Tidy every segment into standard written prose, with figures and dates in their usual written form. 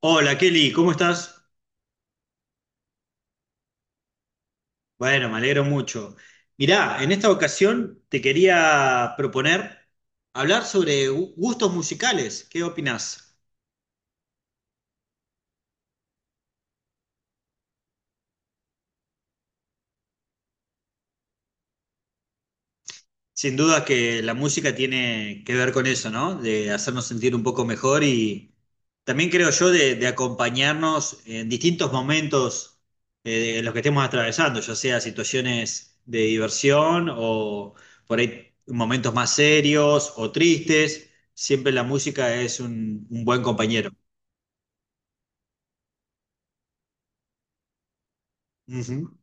Hola Kelly, ¿cómo estás? Bueno, me alegro mucho. Mirá, en esta ocasión te quería proponer hablar sobre gustos musicales. ¿Qué opinás? Sin duda que la música tiene que ver con eso, ¿no? De hacernos sentir un poco mejor y también creo yo de acompañarnos en distintos momentos en los que estemos atravesando, ya sea situaciones de diversión o por ahí momentos más serios o tristes. Siempre la música es un buen compañero. Ujú.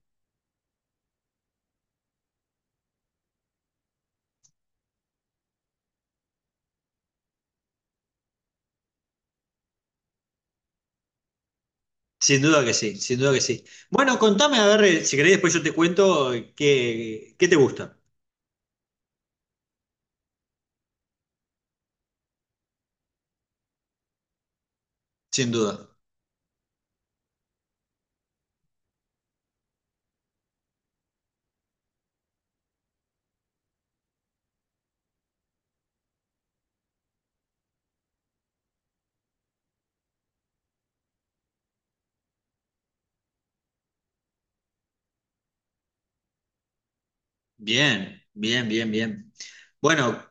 Sin duda que sí, sin duda que sí. Bueno, contame, a ver, si querés después yo te cuento qué te gusta, sin duda. Bien, bien, bien, bien. Bueno,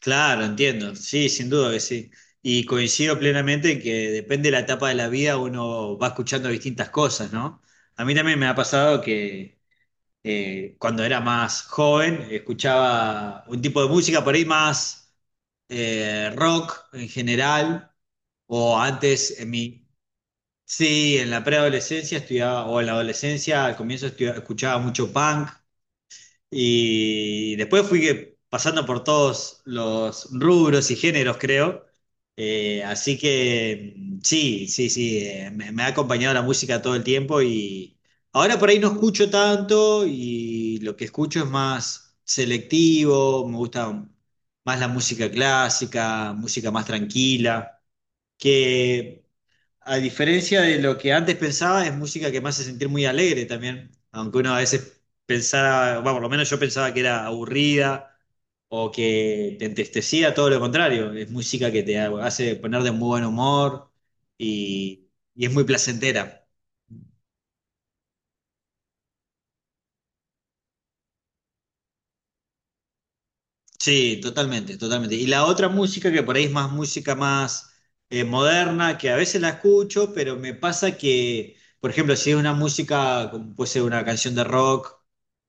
claro, entiendo. Sí, sin duda que sí. Y coincido plenamente en que depende de la etapa de la vida uno va escuchando distintas cosas, ¿no? A mí también me ha pasado que cuando era más joven escuchaba un tipo de música por ahí más rock en general, o antes en mi. Sí, en la preadolescencia estudiaba, o en la adolescencia al comienzo escuchaba mucho punk. Y después fui pasando por todos los rubros y géneros, creo. Así que sí, sí, sí, me ha acompañado la música todo el tiempo y ahora por ahí no escucho tanto y lo que escucho es más selectivo, me gusta más la música clásica, música más tranquila, que a diferencia de lo que antes pensaba, es música que me hace sentir muy alegre también, aunque uno a veces pensara, bueno, por lo menos yo pensaba que era aburrida o que te entristecía, todo lo contrario, es música que te hace poner de muy buen humor y, y es muy placentera. Sí, totalmente, totalmente. Y la otra música que por ahí es más música más moderna, que a veces la escucho, pero me pasa que, por ejemplo, si es una música, como puede ser una canción de rock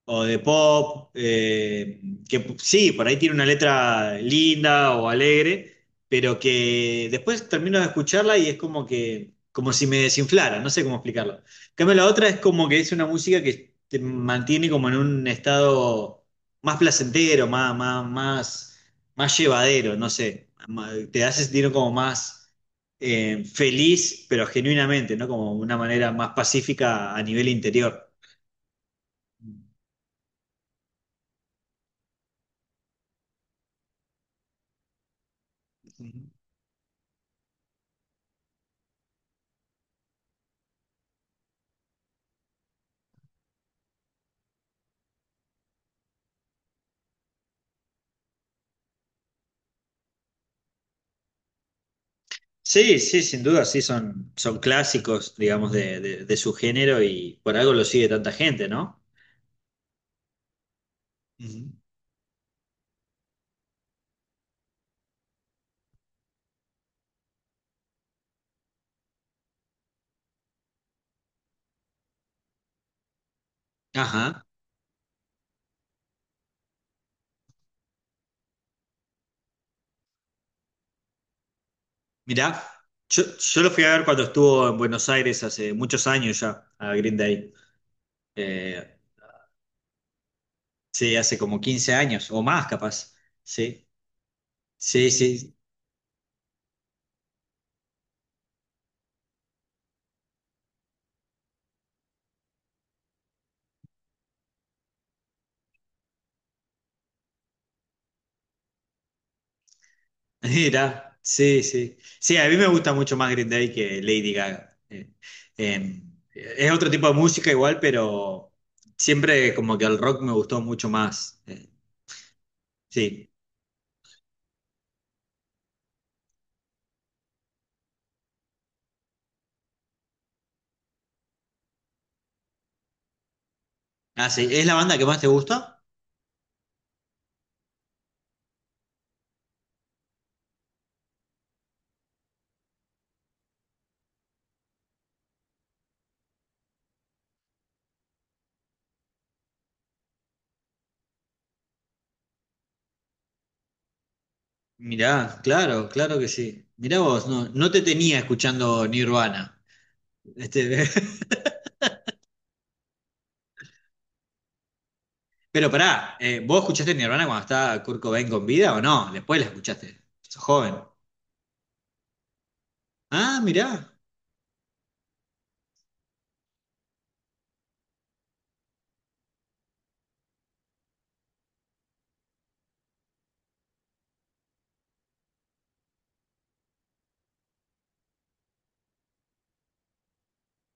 o de pop, sí, por ahí tiene una letra linda o alegre, pero que después termino de escucharla y es como que, como si me desinflara, no sé cómo explicarlo. En cambio, la otra es como que es una música que te mantiene como en un estado más placentero, más, más, más, más llevadero, no sé. Te hace sentir como más feliz, pero genuinamente, ¿no? Como una manera más pacífica a nivel interior. Sí, sí, sin duda, sí, son clásicos, digamos, de su género y por algo lo sigue tanta gente, ¿no? Ujú. Ajá. Mirá, yo lo fui a ver cuando estuvo en Buenos Aires hace muchos años ya, a Green Day. Eh, Sí, hace como 15 años o más, capaz. Sí, sí, sí. Mira, sí, sí. Sí, a mí me gusta mucho más Green Day que Lady Gaga. Eh, es otro tipo de música igual, pero siempre como que el rock me gustó mucho más. Sí. Ah, sí. ¿Es la banda que más te gusta? Mirá, claro, claro que sí. Mirá vos, no, no te tenía escuchando Nirvana. Este, pero pará, ¿vos escuchaste Nirvana cuando estaba Kurt Cobain con vida o no? Después la escuchaste. Sos joven. Ah, mirá,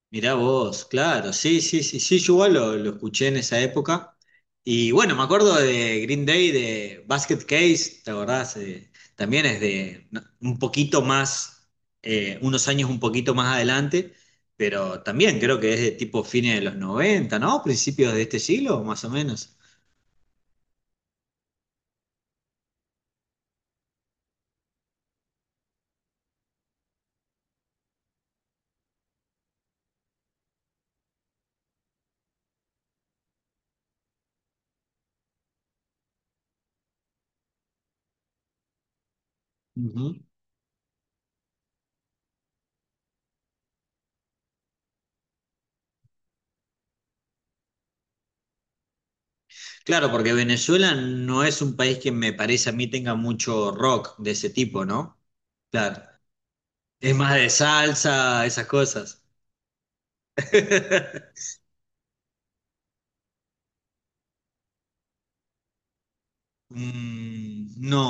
mirá vos, claro, sí, sí, sí, sí, yo igual lo escuché en esa época. Y bueno, me acuerdo de Green Day, de Basket Case, ¿te acordás? También es de no, un poquito más, unos años un poquito más adelante, pero también creo que es de tipo fines de los 90, ¿no? Principios de este siglo, más o menos. Ujú. Claro, porque Venezuela no es un país que me parece a mí tenga mucho rock de ese tipo, ¿no? Claro. Es más de salsa, esas cosas. No,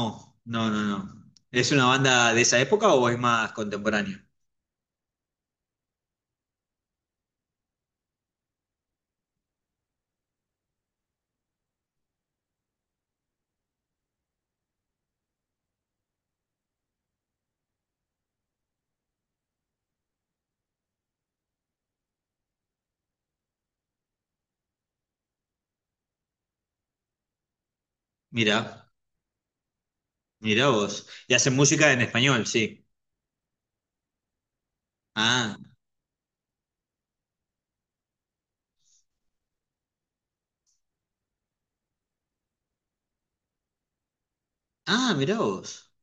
no, no, no. ¿Es una banda de esa época o es más contemporánea? Mira, mira vos. Y hacen música en español, sí. Ah, ah, mira vos.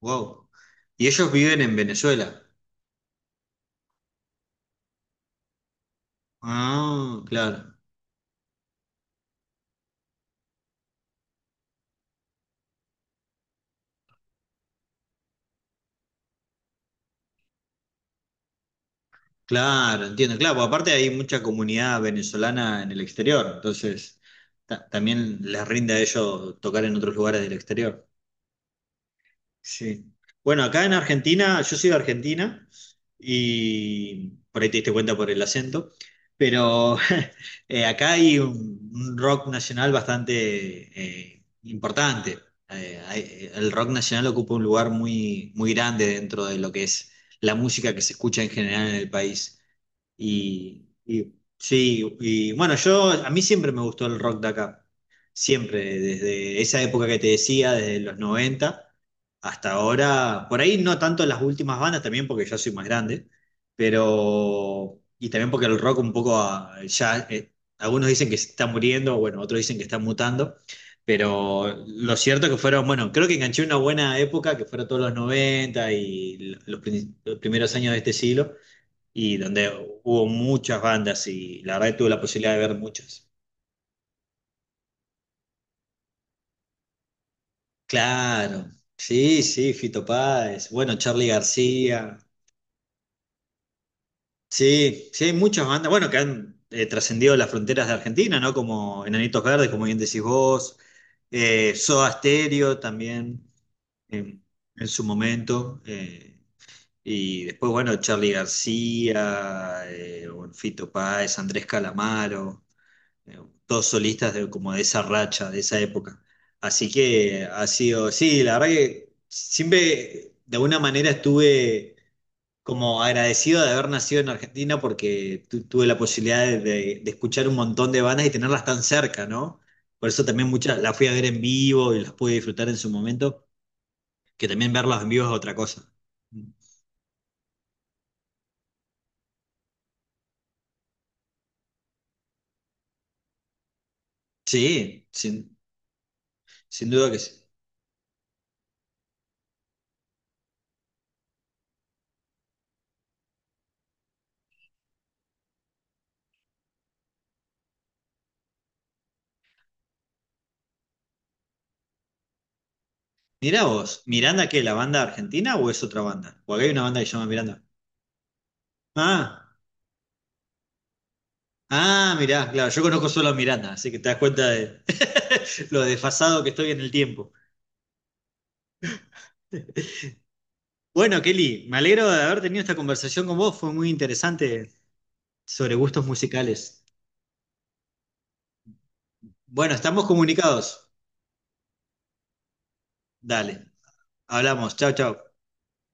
Wow. Y ellos viven en Venezuela. Ah, claro, claro, entiendo. Claro, porque aparte hay mucha comunidad venezolana en el exterior, entonces también les rinde a ellos tocar en otros lugares del exterior. Sí. Bueno, acá en Argentina, yo soy de Argentina y por ahí te diste cuenta por el acento, pero acá hay un rock nacional bastante importante. El rock nacional ocupa un lugar muy, muy grande dentro de lo que es la música que se escucha en general en el país. Sí, y bueno, yo a mí siempre me gustó el rock de acá. Siempre, desde esa época que te decía, desde los 90 hasta ahora. Por ahí no tanto las últimas bandas, también porque ya soy más grande, pero. Y también porque el rock un poco ya. Algunos dicen que se está muriendo, bueno, otros dicen que está mutando. Pero lo cierto que fueron, bueno, creo que enganché una buena época, que fueron todos los 90 y los primeros años de este siglo y donde hubo muchas bandas y la verdad que tuve la posibilidad de ver muchas. Claro, sí, sí, Fito Páez, bueno, Charly García, sí, sí, hay muchas bandas, bueno, que han trascendido las fronteras de Argentina, ¿no? Como Enanitos Verdes, como bien decís vos, Soda Stereo también eh, en su momento, y después, bueno, Charly García, bueno, Fito Páez, Andrés Calamaro. eh, todos solistas como de esa racha, de esa época. Así que ha sido, sí, la verdad que siempre de alguna manera estuve como agradecido de haber nacido en Argentina porque tuve la posibilidad de escuchar un montón de bandas y tenerlas tan cerca, ¿no? Por eso también muchas las fui a ver en vivo y las pude disfrutar en su momento, que también verlas en vivo es otra cosa. Sí, sin duda que sí. Mirá vos, ¿Miranda qué? ¿La banda argentina o es otra banda? Porque acá hay una banda que se llama Miranda. Ah. Ah, mirá, claro, yo conozco solo a Miranda, así que te das cuenta de lo desfasado que estoy en el tiempo. Bueno, Kelly, me alegro de haber tenido esta conversación con vos, fue muy interesante sobre gustos musicales. Bueno, estamos comunicados. Dale, hablamos, chao, chao.